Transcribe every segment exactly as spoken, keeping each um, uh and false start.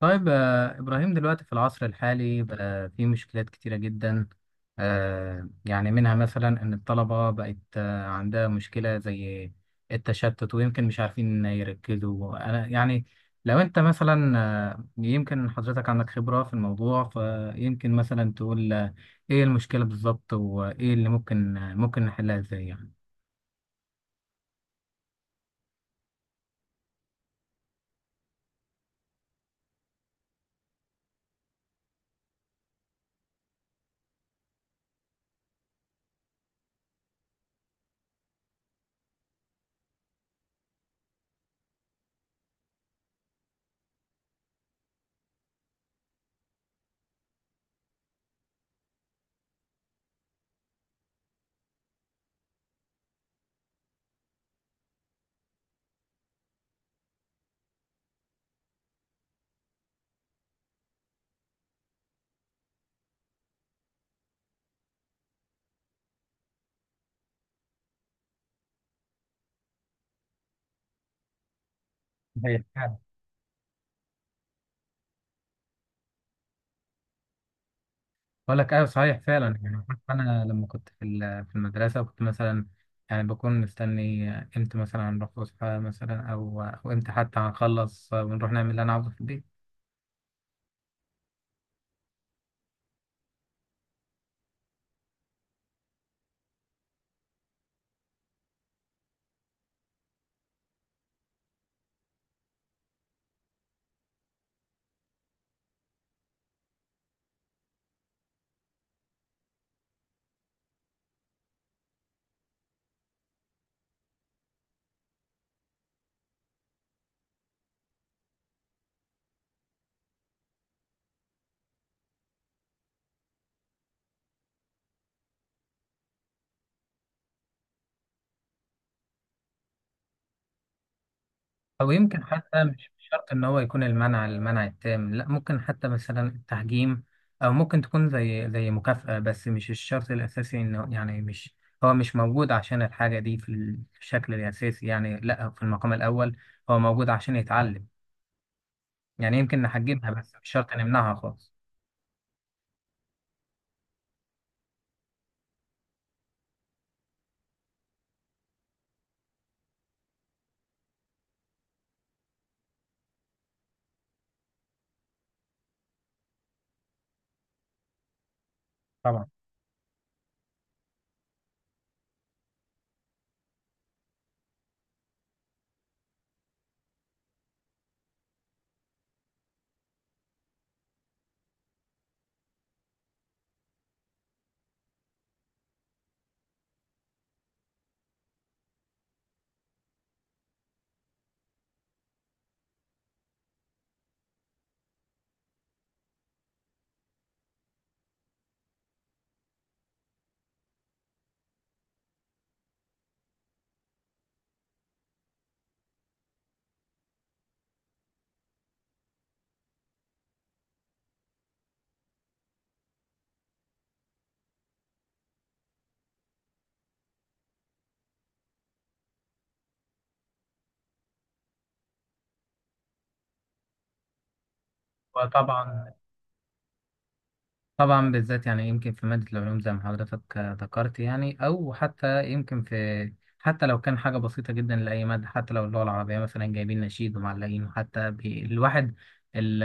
طيب، آه، إبراهيم، دلوقتي في العصر الحالي بقى في مشكلات كتيرة جدا. آه، يعني منها مثلا إن الطلبة بقت، آه، عندها مشكلة زي التشتت، ويمكن مش عارفين يركزوا. أنا يعني لو أنت مثلا، آه، يمكن حضرتك عندك خبرة في الموضوع، فيمكن مثلا تقول آه، إيه المشكلة بالظبط، وإيه اللي ممكن آه، ممكن نحلها إزاي. يعني بقول لك ايوه، صحيح فعلا. يعني حتى انا لما كنت في ال- في المدرسه كنت مثلا يعني بكون مستني امتى مثلا هنروح فسحه مثلا، او او امتى حتى هنخلص ونروح نعمل اللي انا عاوزه في البيت. او يمكن حتى مش مش شرط ان هو يكون المنع المنع التام، لا، ممكن حتى مثلا التحجيم، او ممكن تكون زي زي مكافاه، بس مش الشرط الاساسي. انه يعني مش، هو مش موجود عشان الحاجه دي في الشكل الاساسي، يعني لا، في المقام الاول هو موجود عشان يتعلم. يعني يمكن نحجمها بس مش شرط نمنعها خالص. طبعا، وطبعا، طبعا بالذات، يعني يمكن في مادة العلوم زي ما حضرتك آه، ذكرت. يعني أو حتى يمكن في، حتى لو كان حاجة بسيطة جدا لأي مادة، حتى لو اللغة العربية مثلا جايبين نشيد ومعلقين حتى ب- الواحد، ال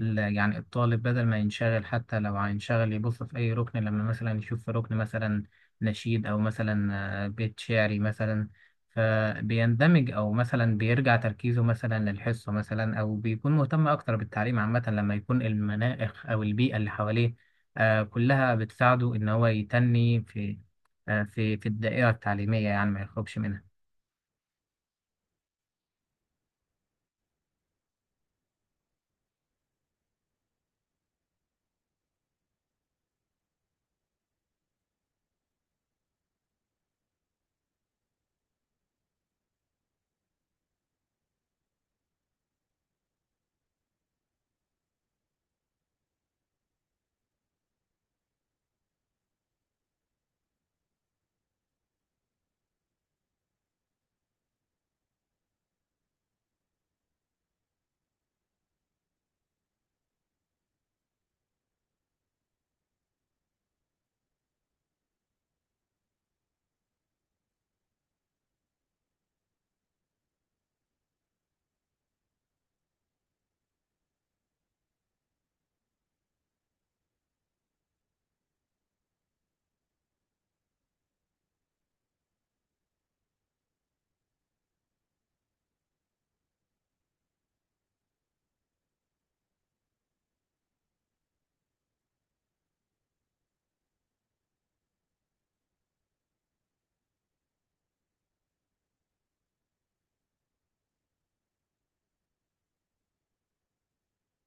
ال- يعني الطالب بدل ما ينشغل، حتى لو هينشغل يبص في أي ركن، لما مثلا يشوف في ركن مثلا نشيد، أو مثلا آه، بيت شعري مثلا، فبيندمج، أو مثلا بيرجع تركيزه مثلا للحصة مثلا، أو بيكون مهتم أكتر بالتعليم عامة. لما يكون المناخ أو البيئة اللي حواليه آه، كلها بتساعده إن هو يتني في آه، في في الدائرة التعليمية، يعني ما يخرجش منها.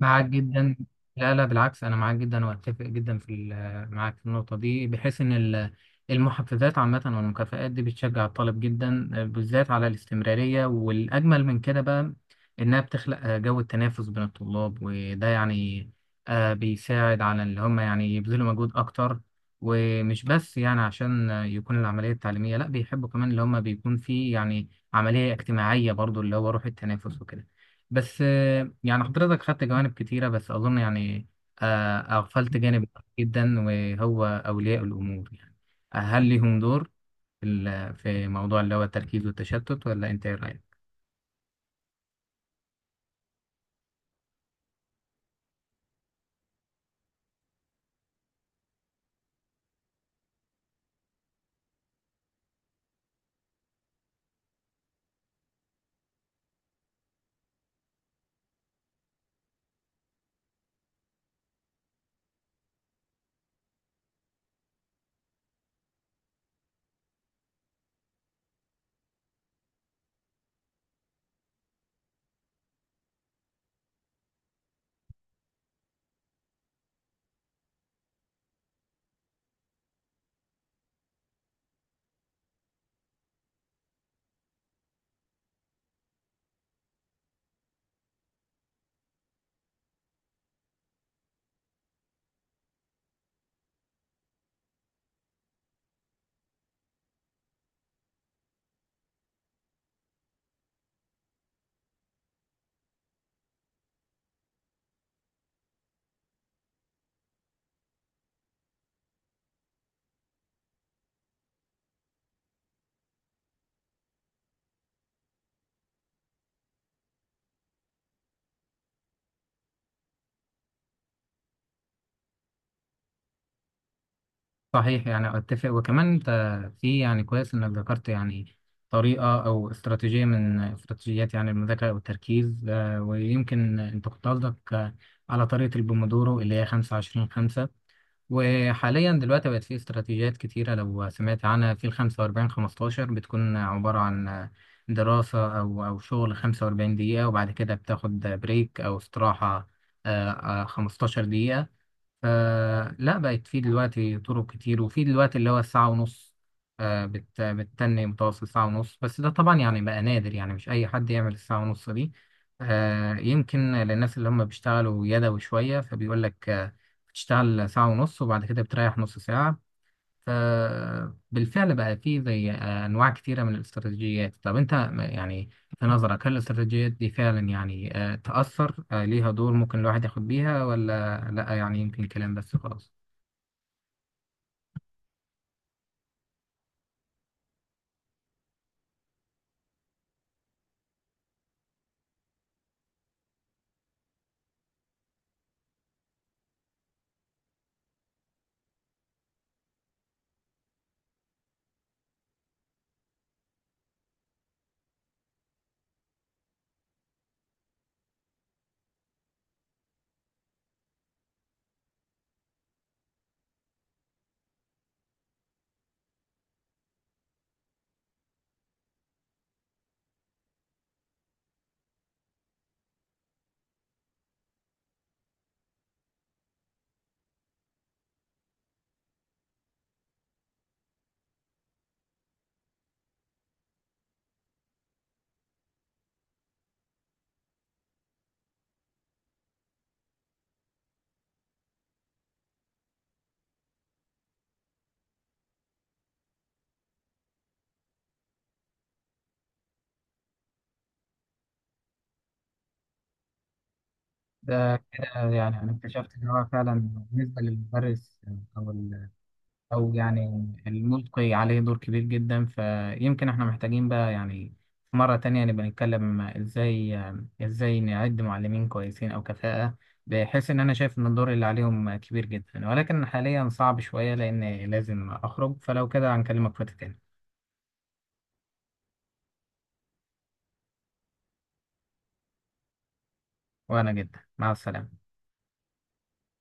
معاك جدا. لا، لا، بالعكس، انا معاك جدا واتفق جدا في ال- معاك في النقطه دي، بحيث ان ال- المحفزات عامه والمكافآت دي بتشجع الطالب جدا بالذات على الاستمراريه. والاجمل من كده بقى انها بتخلق آه، جو التنافس بين الطلاب، وده يعني آه، بيساعد على اللي هم يعني يبذلوا مجهود اكتر. ومش بس يعني عشان آه، يكون العمليه التعليميه، لا، بيحبوا كمان اللي هم بيكون في يعني عمليه اجتماعيه برضو اللي هو روح التنافس وكده. بس آه، يعني حضرتك خدت جوانب كتيرة، بس أظن يعني آه، أغفلت جانب مهم جدا وهو أولياء الأمور. يعني هل لهم دور في ال- في موضوع اللي هو التركيز والتشتت، ولا أنت إيه رأيك؟ صحيح، يعني أتفق. وكمان أنت في، يعني كويس إنك ذكرت يعني طريقة أو استراتيجية من استراتيجيات يعني المذاكرة أو التركيز. آه، ويمكن أنت كنت قصدك آه، على طريقة البومودورو اللي هي خمسة عشرين خمسة. وحاليا دلوقتي بقت في استراتيجيات كتيرة، لو سمعت عنها، في الخمسة وأربعين خمستاشر، بتكون عبارة عن دراسة أو أو شغل خمسة وأربعين دقيقة، وبعد كده بتاخد بريك أو استراحة آه، آه، خمستاشر دقيقة. فلا بقت في دلوقتي طرق كتير. وفي دلوقتي اللي هو الساعة ونص، آه، بت- بتتني متوسط ساعة ونص، بس ده طبعا يعني بقى نادر، يعني مش أي حد يعمل الساعة ونص دي. آه، يمكن للناس اللي هم بيشتغلوا يدوي شوية، فبيقول لك آه، بتشتغل ساعة ونص وبعد كده بتريح نص ساعة. فبالفعل بقى في زي أنواع كتيرة من الاستراتيجيات. طب أنت م- يعني في نظرك هل الاستراتيجيات دي فعلا يعني آه، تأثر، آه، ليها دور، ممكن الواحد ياخد بيها ولا لأ؟ يعني يمكن كلام بس خلاص. ده كده يعني انا اكتشفت ان هو فعلا بالنسبه للمدرس، او او يعني الملقي عليه دور كبير جدا. فيمكن احنا محتاجين بقى يعني في مرة تانية نبقى نتكلم ازاي ازاي نعد معلمين كويسين او كفاءة، بحيث ان انا شايف ان الدور اللي عليهم كبير جدا. ولكن حاليا صعب شوية لان لازم اخرج، فلو كده هنكلمك وقت تاني. وانا جدا، مع السلامة.